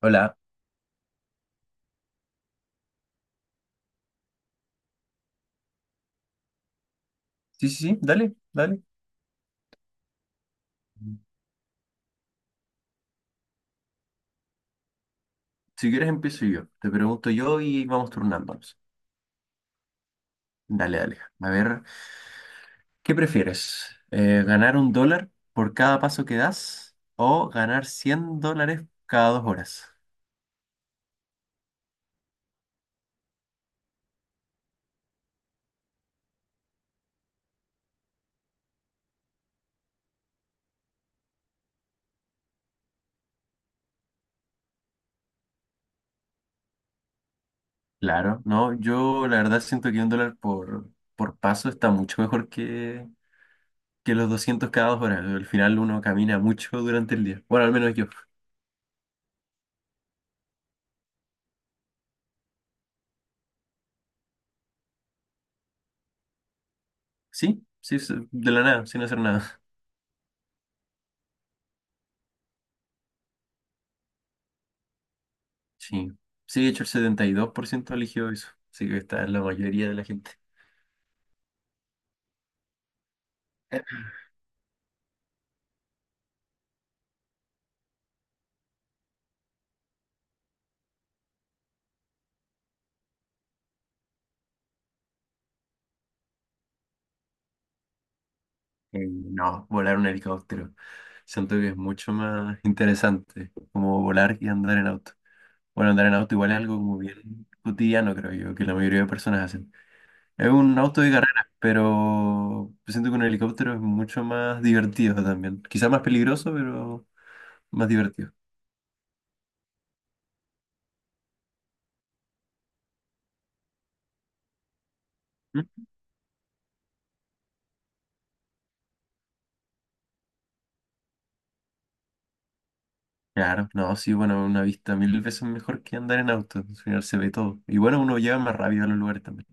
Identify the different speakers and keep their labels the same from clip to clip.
Speaker 1: Hola. Sí, sí, sí, dale, dale. Si quieres empiezo yo. Te pregunto yo y vamos turnándonos. Dale, dale. A ver, ¿qué prefieres? ¿ganar un dólar por cada paso que das o ganar $100 cada 2 horas? Claro, no, yo la verdad siento que un dólar por paso está mucho mejor que los 200 cada 2 horas. Al final uno camina mucho durante el día. Bueno, al menos yo. Sí, sí, sí, de la nada, sin hacer nada. Sí, sí, de hecho el 72% eligió eso, así que está la mayoría de la gente. No, volar un helicóptero. Siento que es mucho más interesante como volar y andar en auto. Bueno, andar en auto igual es algo como bien cotidiano, creo yo, que la mayoría de personas hacen. Es un auto de carrera, pero siento que un helicóptero es mucho más divertido también. Quizá más peligroso, pero más divertido. ¿Mm? Claro, no, sí, bueno, una vista mil veces mejor que andar en auto. Al final se ve todo. Y bueno, uno llega más rápido a los lugares también.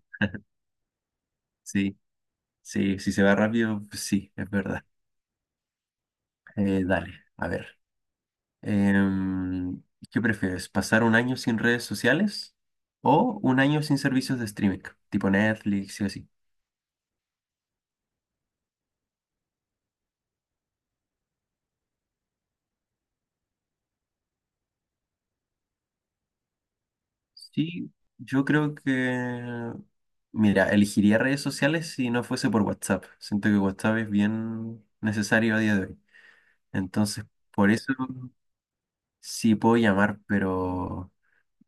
Speaker 1: Sí, sí, si se va rápido, pues sí, es verdad. Dale, a ver. Em, ¿Qué prefieres? ¿Pasar 1 año sin redes sociales o 1 año sin servicios de streaming, tipo Netflix y así? Sí, yo creo mira, elegiría redes sociales si no fuese por WhatsApp. Siento que WhatsApp es bien necesario a día de hoy. Entonces, por eso sí puedo llamar, pero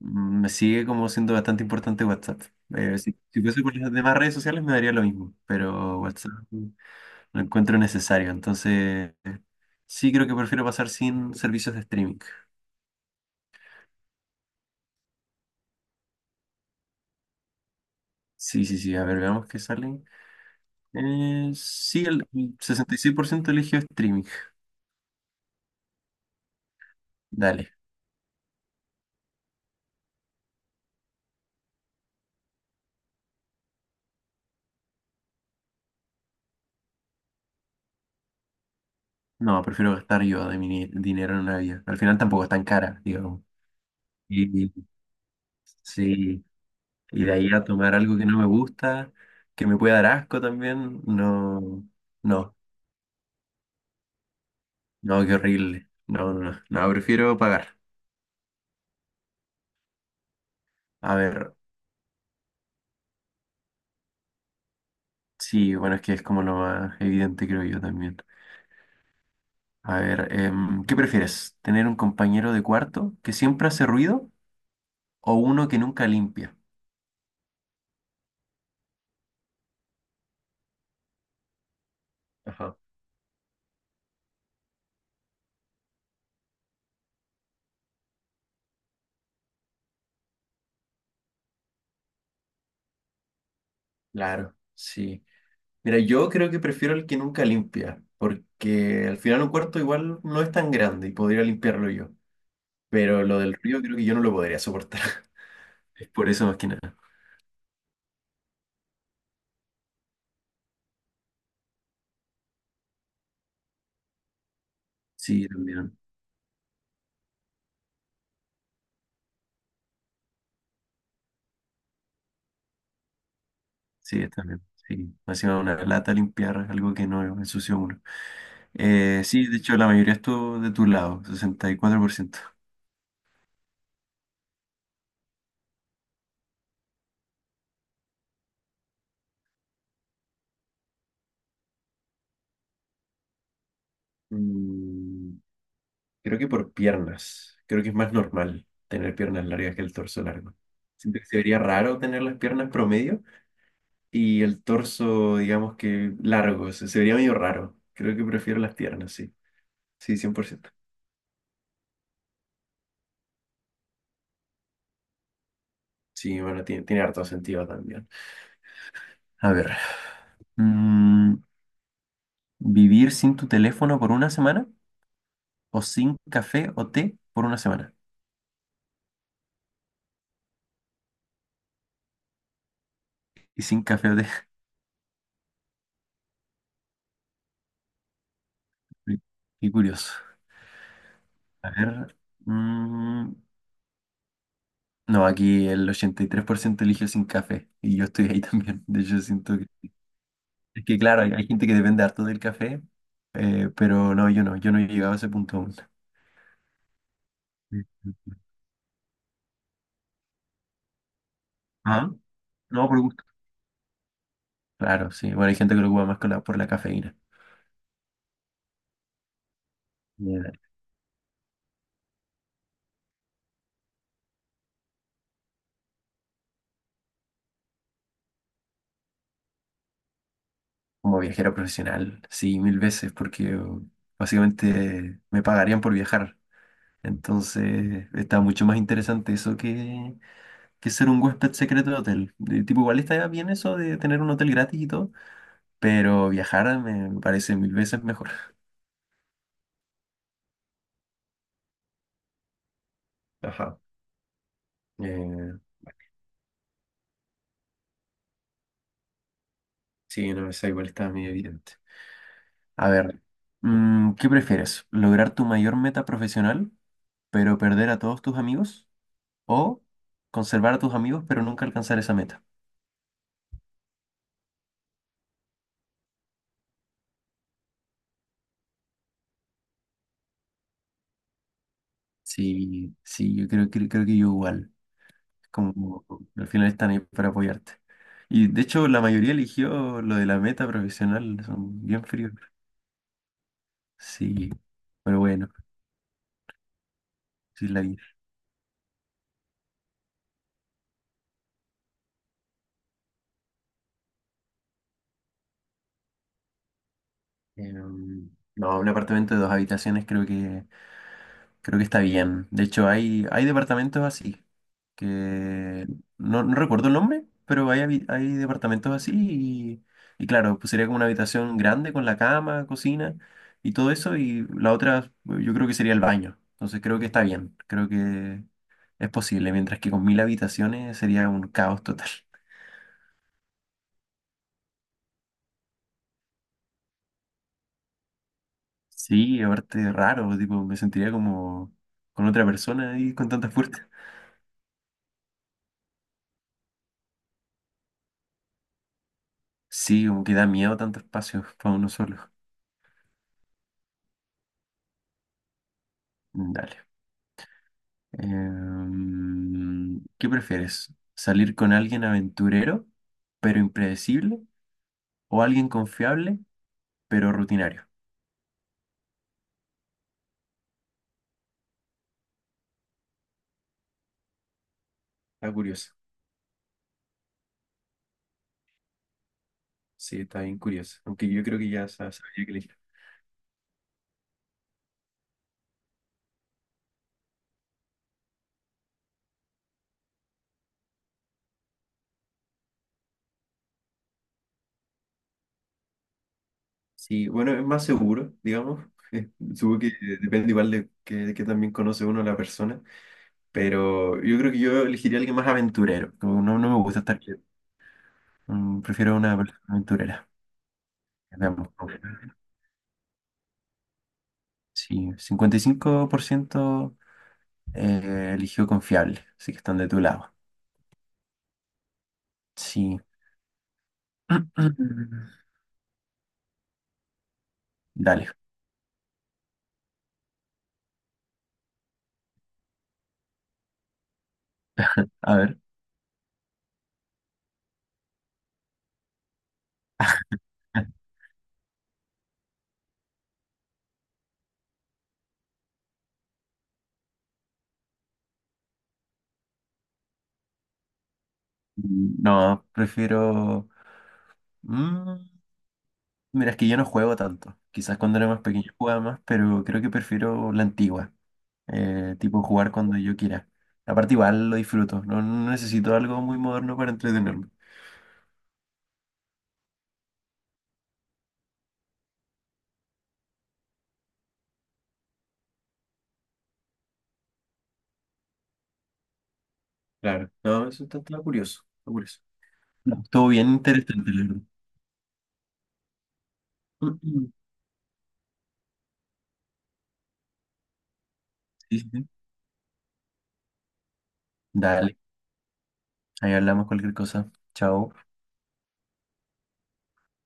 Speaker 1: Me sigue como siendo bastante importante WhatsApp. Si, si fuese por las demás redes sociales me daría lo mismo, pero WhatsApp lo encuentro necesario. Entonces, sí creo que prefiero pasar sin servicios de streaming. Sí, sí, sí. A ver, veamos qué salen. Sí, el 66% eligió streaming. Dale. No, prefiero gastar yo de mi dinero en una vida. Al final tampoco es tan cara, digamos. Y sí, y de ahí a tomar algo que no me gusta, que me pueda dar asco también, no, no, no, qué horrible. No, no, no, no, prefiero pagar. A ver, sí, bueno, es que es como lo más evidente, creo yo también. A ver, ¿qué prefieres? ¿Tener un compañero de cuarto que siempre hace ruido o uno que nunca limpia? Ajá, claro, sí. Mira, yo creo que prefiero el que nunca limpia, porque al final un cuarto igual no es tan grande y podría limpiarlo yo. Pero lo del ruido creo que yo no lo podría soportar. Es por eso más que nada. Sí, también. Sí, también. Sí. Más encima una lata limpiar algo que no ensució uno. Sí, de hecho, la mayoría estuvo de tu lado, 64%. Mm, creo que por piernas. Creo que es más normal tener piernas largas que el torso largo. Siento que se vería raro tener las piernas promedio y el torso, digamos que largo. Se vería medio raro. Creo que prefiero las piernas, sí. Sí, 100%. Sí, bueno, tiene, tiene harto sentido también. A ver. mm, ¿Vivir sin tu teléfono por 1 semana o sin café o té por 1 semana? Y sin café o té. Qué curioso. A ver. mm, no, aquí el 83% eligió sin café y yo estoy ahí también. De hecho, siento que... Es que claro, hay gente que depende harto del café, pero no, yo no, yo no he llegado a ese punto aún. Ajá. No, por gusto. Claro, sí. Bueno, hay gente que lo ocupa más con por la cafeína. Como viajero profesional, sí, mil veces, porque básicamente me pagarían por viajar. Entonces está mucho más interesante eso que ser un huésped secreto de hotel. De tipo, igual está bien eso de tener un hotel gratis y todo, pero viajar me parece mil veces mejor. Ajá. Eh, sí, no, esa igual está muy evidente. A ver, ¿qué prefieres? ¿Lograr tu mayor meta profesional, pero perder a todos tus amigos? ¿O conservar a tus amigos, pero nunca alcanzar esa meta? Sí, sí, yo creo que yo igual. Como al final están ahí para apoyarte. Y de hecho, la mayoría eligió lo de la meta profesional, son bien fríos. Sí, pero bueno, sí es la vida. Em, no, un apartamento de 2 habitaciones creo que creo que está bien. De hecho, hay departamentos así, que no, no recuerdo el nombre, pero hay departamentos así y claro, pues sería como una habitación grande con la cama, cocina y todo eso y la otra yo creo que sería el baño. Entonces creo que está bien, creo que es posible, mientras que con 1000 habitaciones sería un caos total. Sí, aparte raro, tipo, me sentiría como con otra persona ahí con tantas puertas. Sí, como que da miedo tanto espacio para uno solo. Dale. ¿Qué prefieres? ¿Salir con alguien aventurero, pero impredecible? ¿O alguien confiable, pero rutinario? Está curioso. Sí, está bien curioso. Aunque yo creo que ya sabía que elegir. Sí, bueno, es más seguro, digamos. Supongo que depende igual de que también conoce uno a la persona. Pero yo creo que yo elegiría a alguien más aventurero. Como no, no me gusta estar quieto. Mm, prefiero una persona aventurera. Veamos. Sí, 55% eligió confiable, así que están de tu lado. Sí. Dale, a ver. No, prefiero... mm, mira, es que yo no juego tanto. Quizás cuando era más pequeño jugaba más, pero creo que prefiero la antigua. Tipo jugar cuando yo quiera. Aparte igual lo disfruto. No, no necesito algo muy moderno para entretenerme. Claro. No, está curioso. Está curioso. No, estuvo bien interesante, la verdad. Mm, mm. Sí, sí. sí. Dale, ahí hablamos cualquier cosa. Chao.